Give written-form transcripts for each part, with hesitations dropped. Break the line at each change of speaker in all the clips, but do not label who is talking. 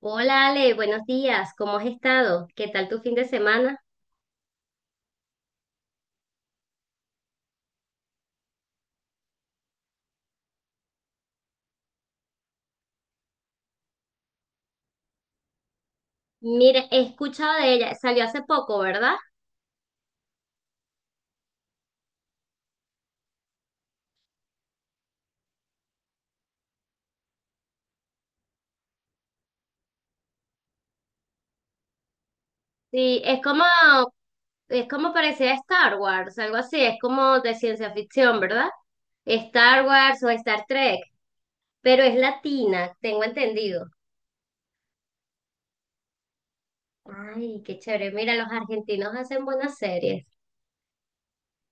Hola Ale, buenos días, ¿cómo has estado? ¿Qué tal tu fin de semana? Mire, he escuchado de ella, salió hace poco, ¿verdad? Sí, es como parecía Star Wars, algo así, es como de ciencia ficción, ¿verdad? Star Wars o Star Trek, pero es latina, tengo entendido. Ay, qué chévere, mira, los argentinos hacen buenas series.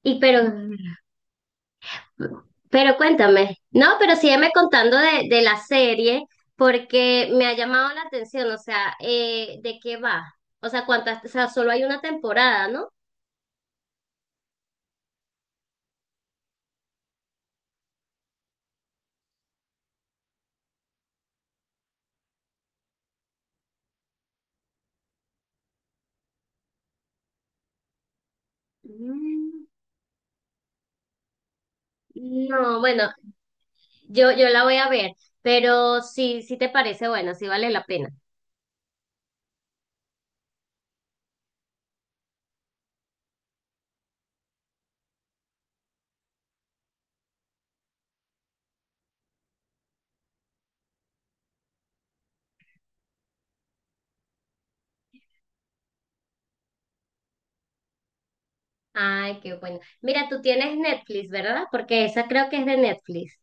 Y pero Pero cuéntame, no, pero sígueme contando de la serie porque me ha llamado la atención, o sea, ¿de qué va? O sea, cuántas, o sea, solo hay una temporada, ¿no? Mm. No, bueno, yo la voy a ver, pero sí, sí te parece buena, sí vale la pena. Ay, qué bueno. Mira, tú tienes Netflix, ¿verdad? Porque esa creo que es de Netflix.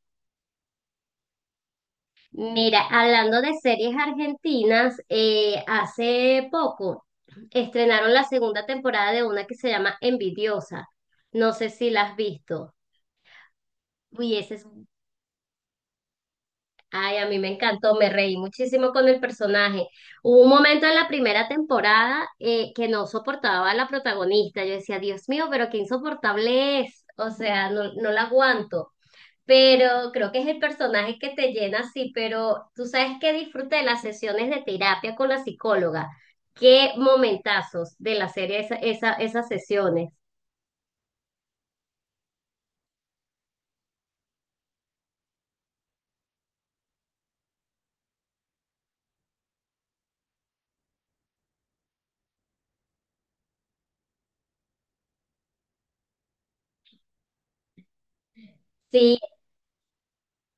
Mira, hablando de series argentinas, hace poco estrenaron la segunda temporada de una que se llama Envidiosa. No sé si la has visto. Uy, ese es... Ay, a mí me encantó, me reí muchísimo con el personaje. Hubo un momento en la primera temporada que no soportaba a la protagonista. Yo decía, Dios mío, pero qué insoportable es. O sea, no, no la aguanto. Pero creo que es el personaje que te llena así, pero tú sabes que disfruté de las sesiones de terapia con la psicóloga. Qué momentazos de la serie esa, esas sesiones. Sí,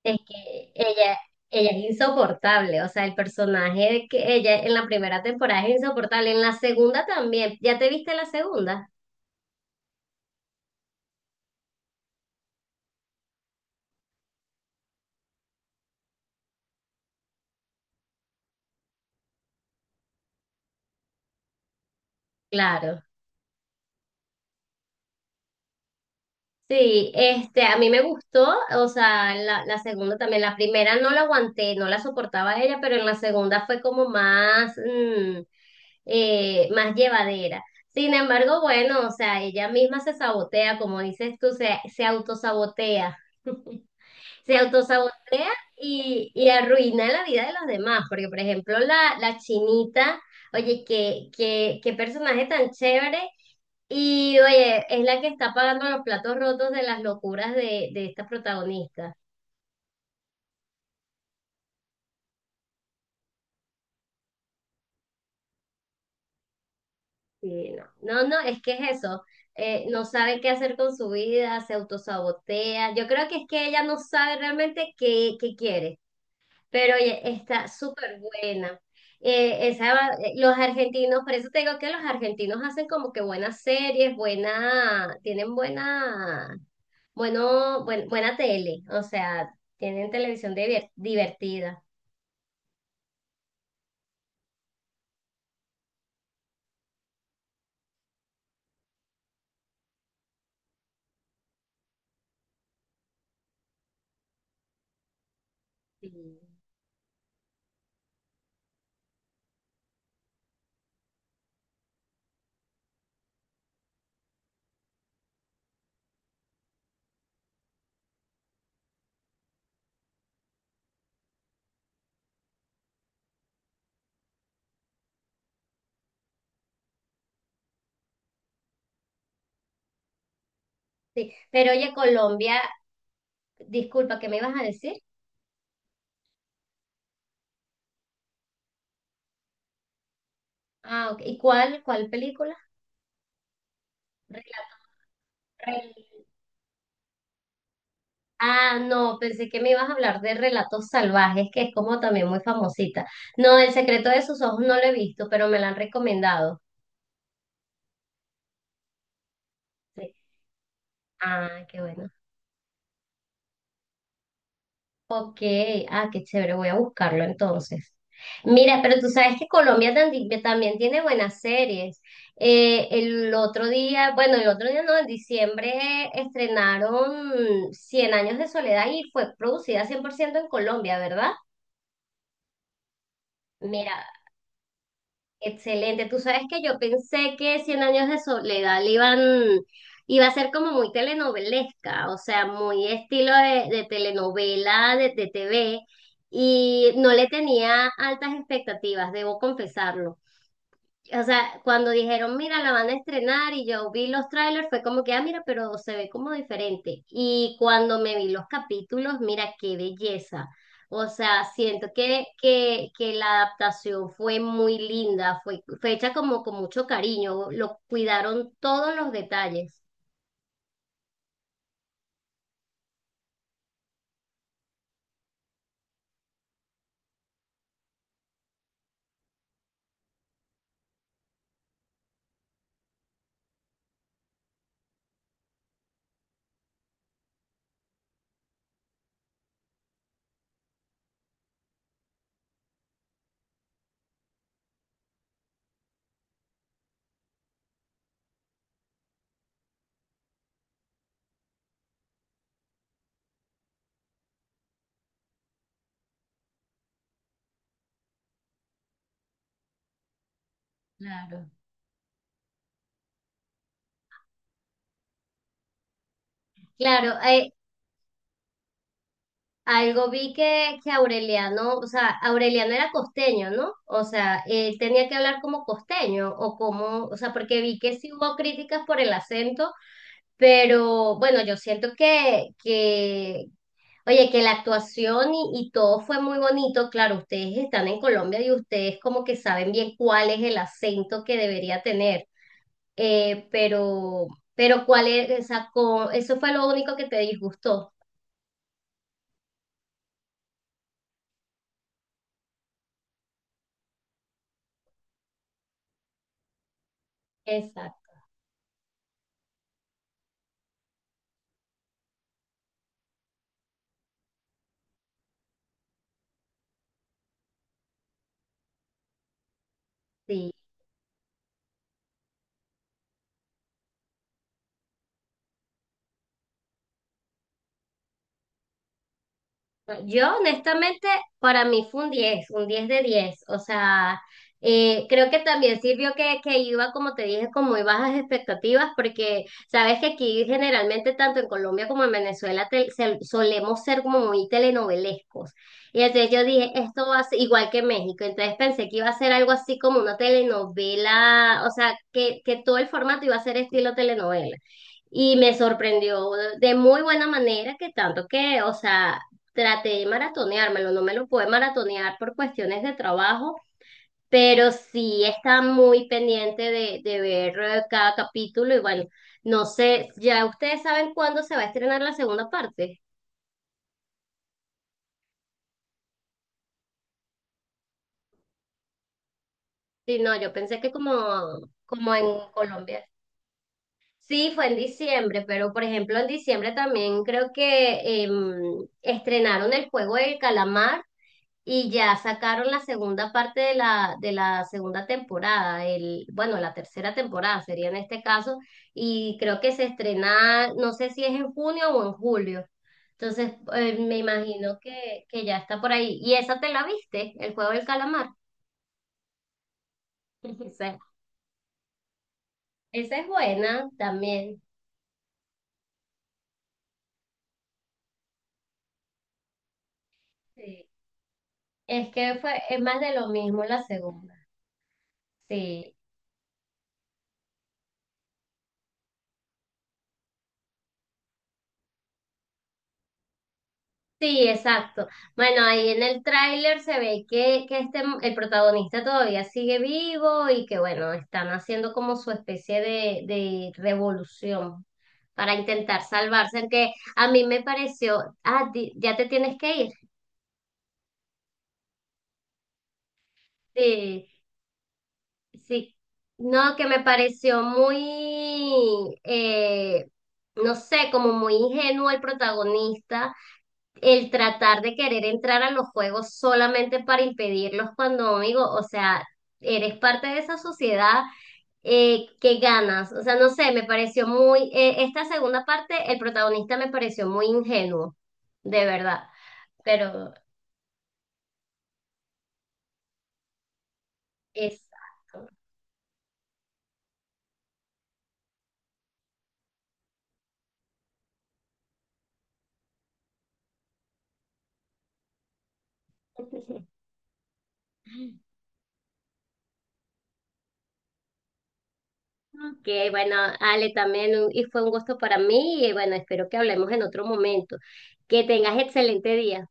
es que ella es insoportable, o sea, el personaje de que ella en la primera temporada es insoportable, en la segunda también. ¿Ya te viste la segunda? Claro. Sí, este, a mí me gustó, o sea, la segunda también, la primera no la aguanté, no la soportaba ella, pero en la segunda fue como más, más llevadera. Sin embargo, bueno, o sea, ella misma se sabotea, como dices tú, se autosabotea. Se autosabotea y arruina la vida de los demás, porque por ejemplo la chinita, oye, qué personaje tan chévere y oye, es la que está pagando los platos rotos de las locuras de esta protagonista. Sí, no. No, no, es que es eso. No sabe qué hacer con su vida, se autosabotea. Yo creo que es que ella no sabe realmente qué quiere. Pero oye, está súper buena. Esa, los argentinos, por eso te digo que los argentinos hacen como que buenas series, buena, tienen buena, bueno, buena tele. O sea, tienen televisión divertida. Sí. Sí, pero oye, Colombia, disculpa, ¿qué me ibas a decir? Ah, ok. ¿Y cuál, cuál película? Relatos. rel- Ah, no, pensé que me ibas a hablar de Relatos Salvajes, que es como también muy famosita. No, El secreto de sus ojos no lo he visto, pero me la han recomendado. Sí. Ah, qué bueno. Ok, ah, qué chévere, voy a buscarlo entonces. Mira, pero tú sabes que Colombia también tiene buenas series. El otro día, bueno, el otro día no, en diciembre estrenaron Cien años de soledad y fue producida 100% en Colombia, ¿verdad? Mira, excelente. Tú sabes que yo pensé que Cien años de soledad iba a ser como muy telenovelesca, o sea, muy estilo de telenovela, de TV, y no le tenía altas expectativas, debo confesarlo. O sea, cuando dijeron, mira, la van a estrenar y yo vi los trailers, fue como que, ah, mira, pero se ve como diferente. Y cuando me vi los capítulos, mira, qué belleza. O sea, siento que, que la adaptación fue muy linda, fue, fue hecha como con mucho cariño, lo cuidaron todos los detalles. Claro. Claro, algo vi que Aureliano, o sea, Aureliano era costeño, ¿no? O sea, él tenía que hablar como costeño o como, o sea, porque vi que sí hubo críticas por el acento, pero bueno, yo siento que, oye, que la actuación y todo fue muy bonito. Claro, ustedes están en Colombia y ustedes como que saben bien cuál es el acento que debería tener, eh, pero, pero cuál es, o sea, eso fue lo único que te disgustó. Exacto, sí. No, yo, honestamente, para mí fue un diez, un 10 de diez. O sea, creo que también sirvió que iba, como te dije, con muy bajas expectativas, porque sabes que aquí generalmente, tanto en Colombia como en Venezuela, solemos ser como muy telenovelescos. Y entonces yo dije, esto va a ser igual que México. Entonces pensé que iba a ser algo así como una telenovela, o sea, que todo el formato iba a ser estilo telenovela. Y me sorprendió de muy buena manera que tanto que, o sea, traté de maratoneármelo, no me lo pude maratonear por cuestiones de trabajo, pero sí está muy pendiente de ver cada capítulo y bueno, no sé, ya ustedes saben cuándo se va a estrenar la segunda parte. Sí, no, yo pensé que como, como en Colombia. Sí, fue en diciembre, pero por ejemplo en diciembre también creo que estrenaron el juego del calamar. Y ya sacaron la segunda parte de la segunda temporada, el, bueno, la tercera temporada sería en este caso, y creo que se estrena, no sé si es en junio o en julio. Entonces, me imagino que ya está por ahí. ¿Y esa te la viste? El juego del calamar. Esa, esa es buena también. Sí. Es que fue, es más de lo mismo la segunda. Sí. Sí, exacto. Bueno, ahí en el tráiler se ve que este, el protagonista todavía sigue vivo y que bueno, están haciendo como su especie de revolución para intentar salvarse, que a mí me pareció, ah, ya te tienes que ir. Sí, sí. No, que me pareció muy, no sé, como muy ingenuo el protagonista el tratar de querer entrar a los juegos solamente para impedirlos cuando, amigo, o sea, eres parte de esa sociedad que ganas. O sea, no sé, me pareció muy, esta segunda parte, el protagonista me pareció muy ingenuo, de verdad. Pero, exacto. Ok, bueno, Ale, también y fue un gusto para mí y bueno, espero que hablemos en otro momento. Que tengas excelente día.